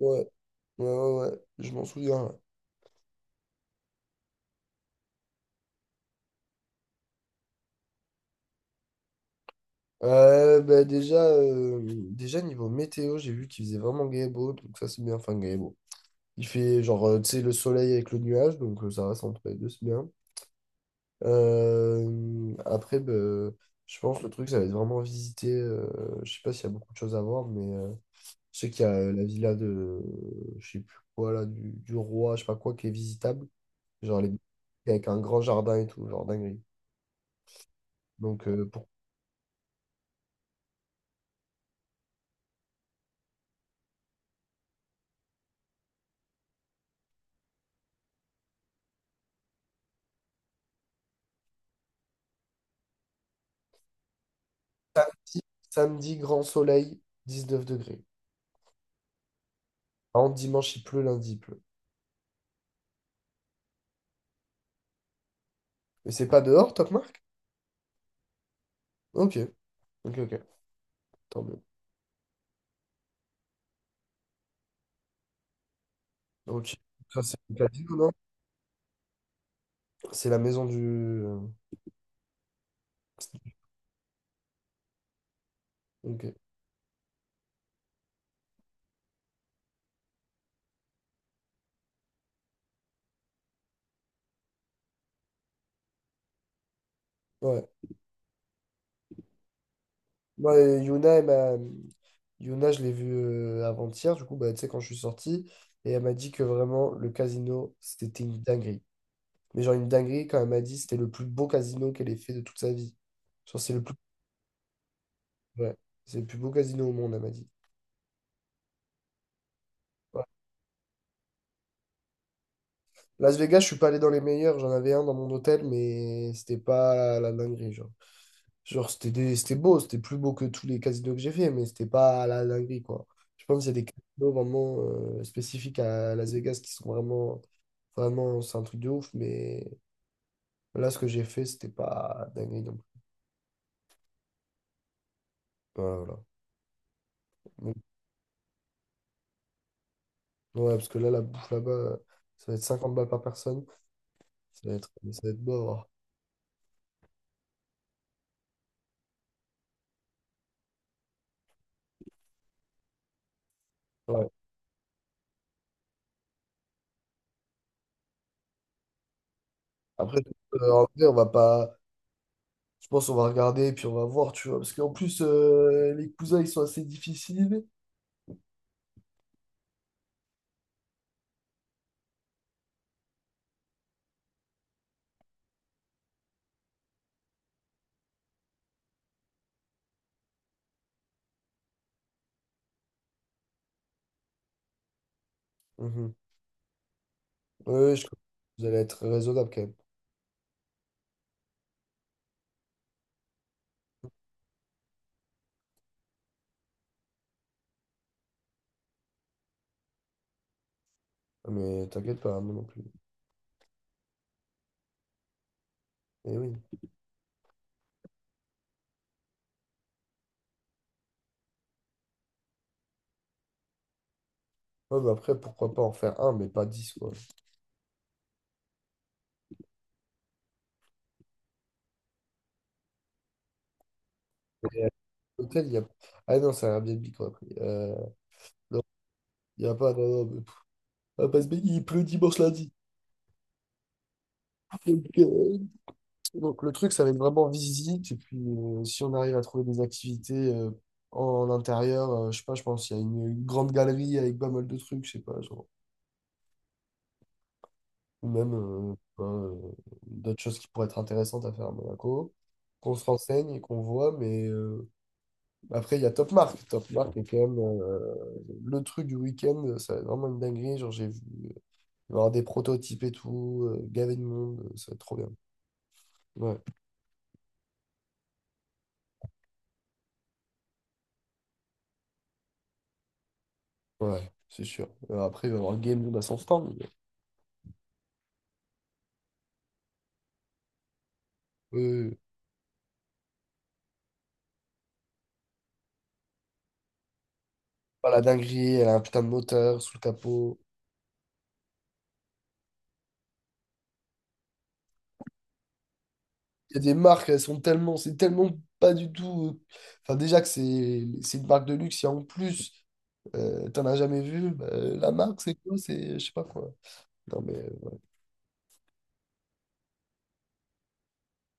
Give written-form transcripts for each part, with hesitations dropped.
Ouais, ouais, ouais, ouais, je m'en souviens. Ouais. Bah déjà, niveau météo, j'ai vu qu'il faisait vraiment gay et beau, donc ça c'est bien, enfin gay et beau. Il fait genre, tu sais, le soleil avec le nuage, donc ça reste entre les deux, c'est bien. Après, bah, je pense que le truc, ça va être vraiment visiter, je sais pas s'il y a beaucoup de choses à voir, mais je sais qu'il y a la villa de, je sais plus quoi là, du roi, je sais pas quoi, qui est visitable, genre les avec un grand jardin et tout, genre dinguerie. Donc, samedi, grand soleil, 19 degrés. Par contre, dimanche, il pleut, lundi, il pleut. Mais c'est pas dehors, Top Mark? Ok, ok, ok. Tant mieux. Ok. Ça, c'est le casino, non? C'est la maison du. Ok. Ouais. Moi, Yuna, Yuna, je l'ai vue avant-hier, du coup, bah, tu sais, quand je suis sorti, et elle m'a dit que vraiment, le casino, c'était une dinguerie. Mais genre, une dinguerie, quand elle m'a dit, c'était le plus beau casino qu'elle ait fait de toute sa vie. Genre, c'est le plus. Ouais. C'est le plus beau casino au monde, elle m'a dit. Las Vegas, je suis pas allé dans les meilleurs. J'en avais un dans mon hôtel, mais c'était pas la dinguerie. Genre, c'était beau, c'était plus beau que tous les casinos que j'ai fait, mais c'était pas la dinguerie, quoi. Je pense qu'il y a des casinos vraiment spécifiques à Las Vegas qui sont vraiment, vraiment, c'est un truc de ouf, mais là, ce que j'ai fait, c'était pas dinguerie non plus. Voilà, voilà. Donc, ouais, parce que là, la bouffe là-bas, ça va être 50 balles par personne. Ça va être beau. Ouais. Après, en vrai, on va pas. Je pense qu'on va regarder et puis on va voir, tu vois. Parce qu'en plus, les cousins, ils sont assez difficiles. Mhm. Ouais, ouais, je... Vous allez être raisonnable quand même. Ah, mais t'inquiète pas, hein, moi non plus. Et oui. Ouais, mais après, pourquoi pas en faire un, mais pas dix, quoi. Et à l'hôtel, il y a. Ah non, c'est un Airbnb qu'on a pris. Non, il n'y a pas. Non, non, on va pas se baigner, il pleut dimanche lundi. Donc, euh, donc, le truc, ça va être vraiment visite. Et puis, si on arrive à trouver des activités en intérieur, je sais pas, je pense qu'il y a une grande galerie avec pas mal de trucs, je sais pas, genre. Ou même je sais pas, d'autres choses qui pourraient être intéressantes à faire à Monaco. Qu'on se renseigne et qu'on voit, mais après, il y a Top Mark. Top Mark est quand même, le truc du week-end, ça va être vraiment une dinguerie. Genre, j'ai vu. Il va y avoir des prototypes et tout, gavé de monde, ça va être trop bien. Ouais, ouais, c'est sûr. Après, il va y avoir Game Luna à son stand. Mais, pas la dinguerie, elle a un putain de moteur sous le capot. Il y a des marques, elles sont tellement, c'est tellement pas du tout. Enfin, déjà que c'est une marque de luxe, et en plus, t'en as jamais vu, bah, la marque, c'est quoi? C'est, je sais pas quoi. Non, mais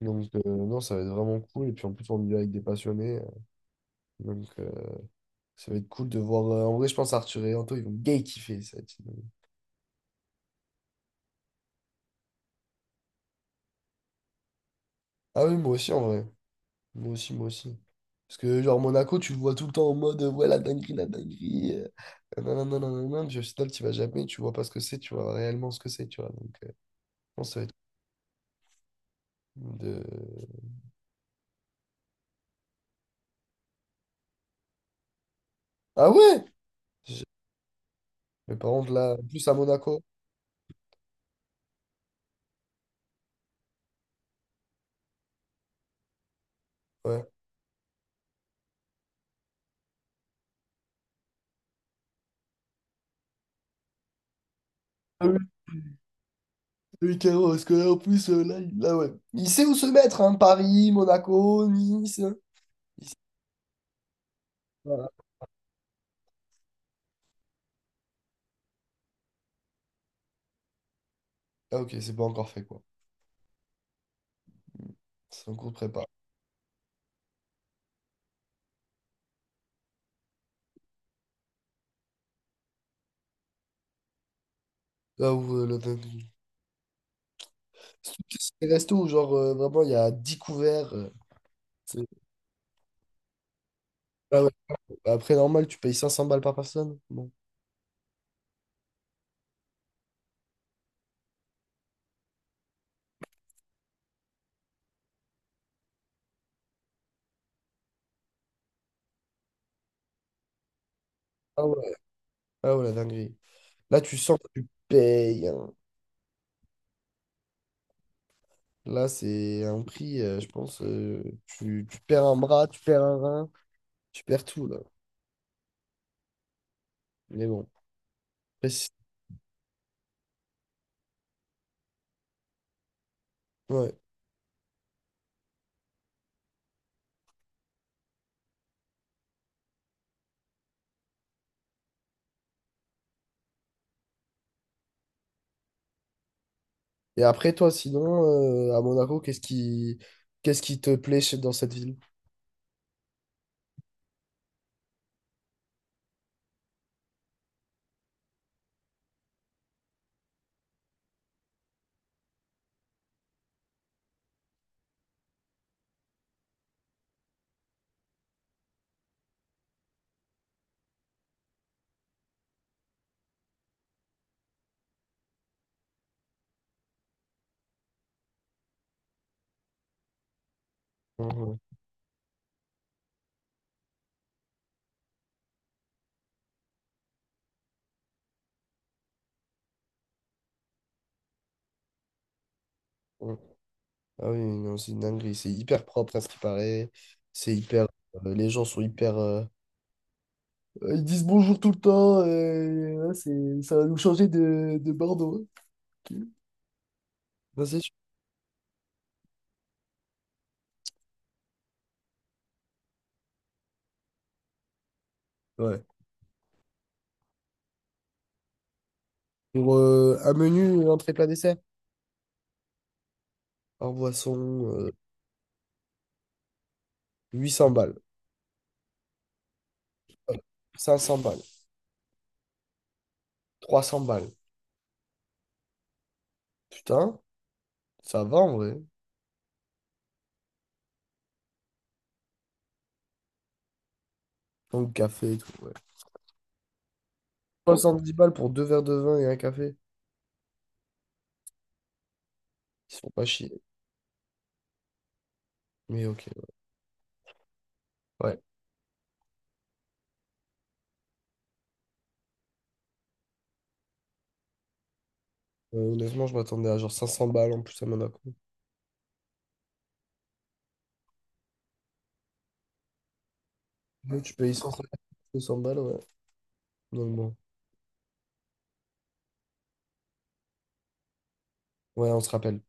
donc, non, ça va être vraiment cool. Et puis en plus, on y va avec des passionnés. Donc, ça va être cool de voir. En vrai, je pense Arthur et Anto, ils vont gay kiffer. Ça va être une- Ah oui, moi aussi en vrai. Moi aussi, moi aussi. Parce que genre Monaco, tu le vois tout le temps en mode ouais la dinguerie, la dinguerie. Nanana, nanana. Puis au final, tu vas jamais, tu vois pas ce que c'est, tu vois réellement ce que c'est, tu vois. Donc je pense que ça va être cool de. Ah ouais! J'ai- Mais par contre là, en plus à Monaco, ouais. Ah oui, oui, carrément, parce que là, en plus, là, là, ouais. Il sait où se mettre, hein, Paris, Monaco, Nice. Il sait- voilà. Ah ok, c'est pas encore fait quoi. C'est en cours de prépa. Là où euh, le... C'est des restos où genre vraiment il y a 10 couverts. C'est- Ah ouais. Après, normal, tu payes 500 balles par personne. Bon. Ah ouais, ah ouais, la dinguerie. Là, tu sens que tu payes, hein. Là, c'est un prix, je pense. Tu perds un bras, tu perds un rein, tu perds tout, là. Mais bon. Après, si- Ouais. Et après, toi, sinon, à Monaco, qu'est-ce qui te plaît dans cette ville? Mhm. Mhm. Ah oui, non, c'est une dinguerie. C'est hyper propre à ce qui paraît. C'est hyper. Les gens sont hyper. Ils disent bonjour tout le temps. Et, ouais, ça va nous changer de Bordeaux. Ok. Ça, c'est sûr. Ouais. Pour un menu, une entrée plat dessert, un boisson, euh, 800 balles, 500 balles, 300 balles. Putain, ça va en vrai. Donc, café et tout, ouais. 70 balles pour deux verres de vin et un café. Ils se font pas chier. Mais ok, ouais. Honnêtement, je m'attendais à genre 500 balles en plus à Monaco. Là, tu payes 150, 200 balles, ouais. Donc bon, ouais, on se rappelle.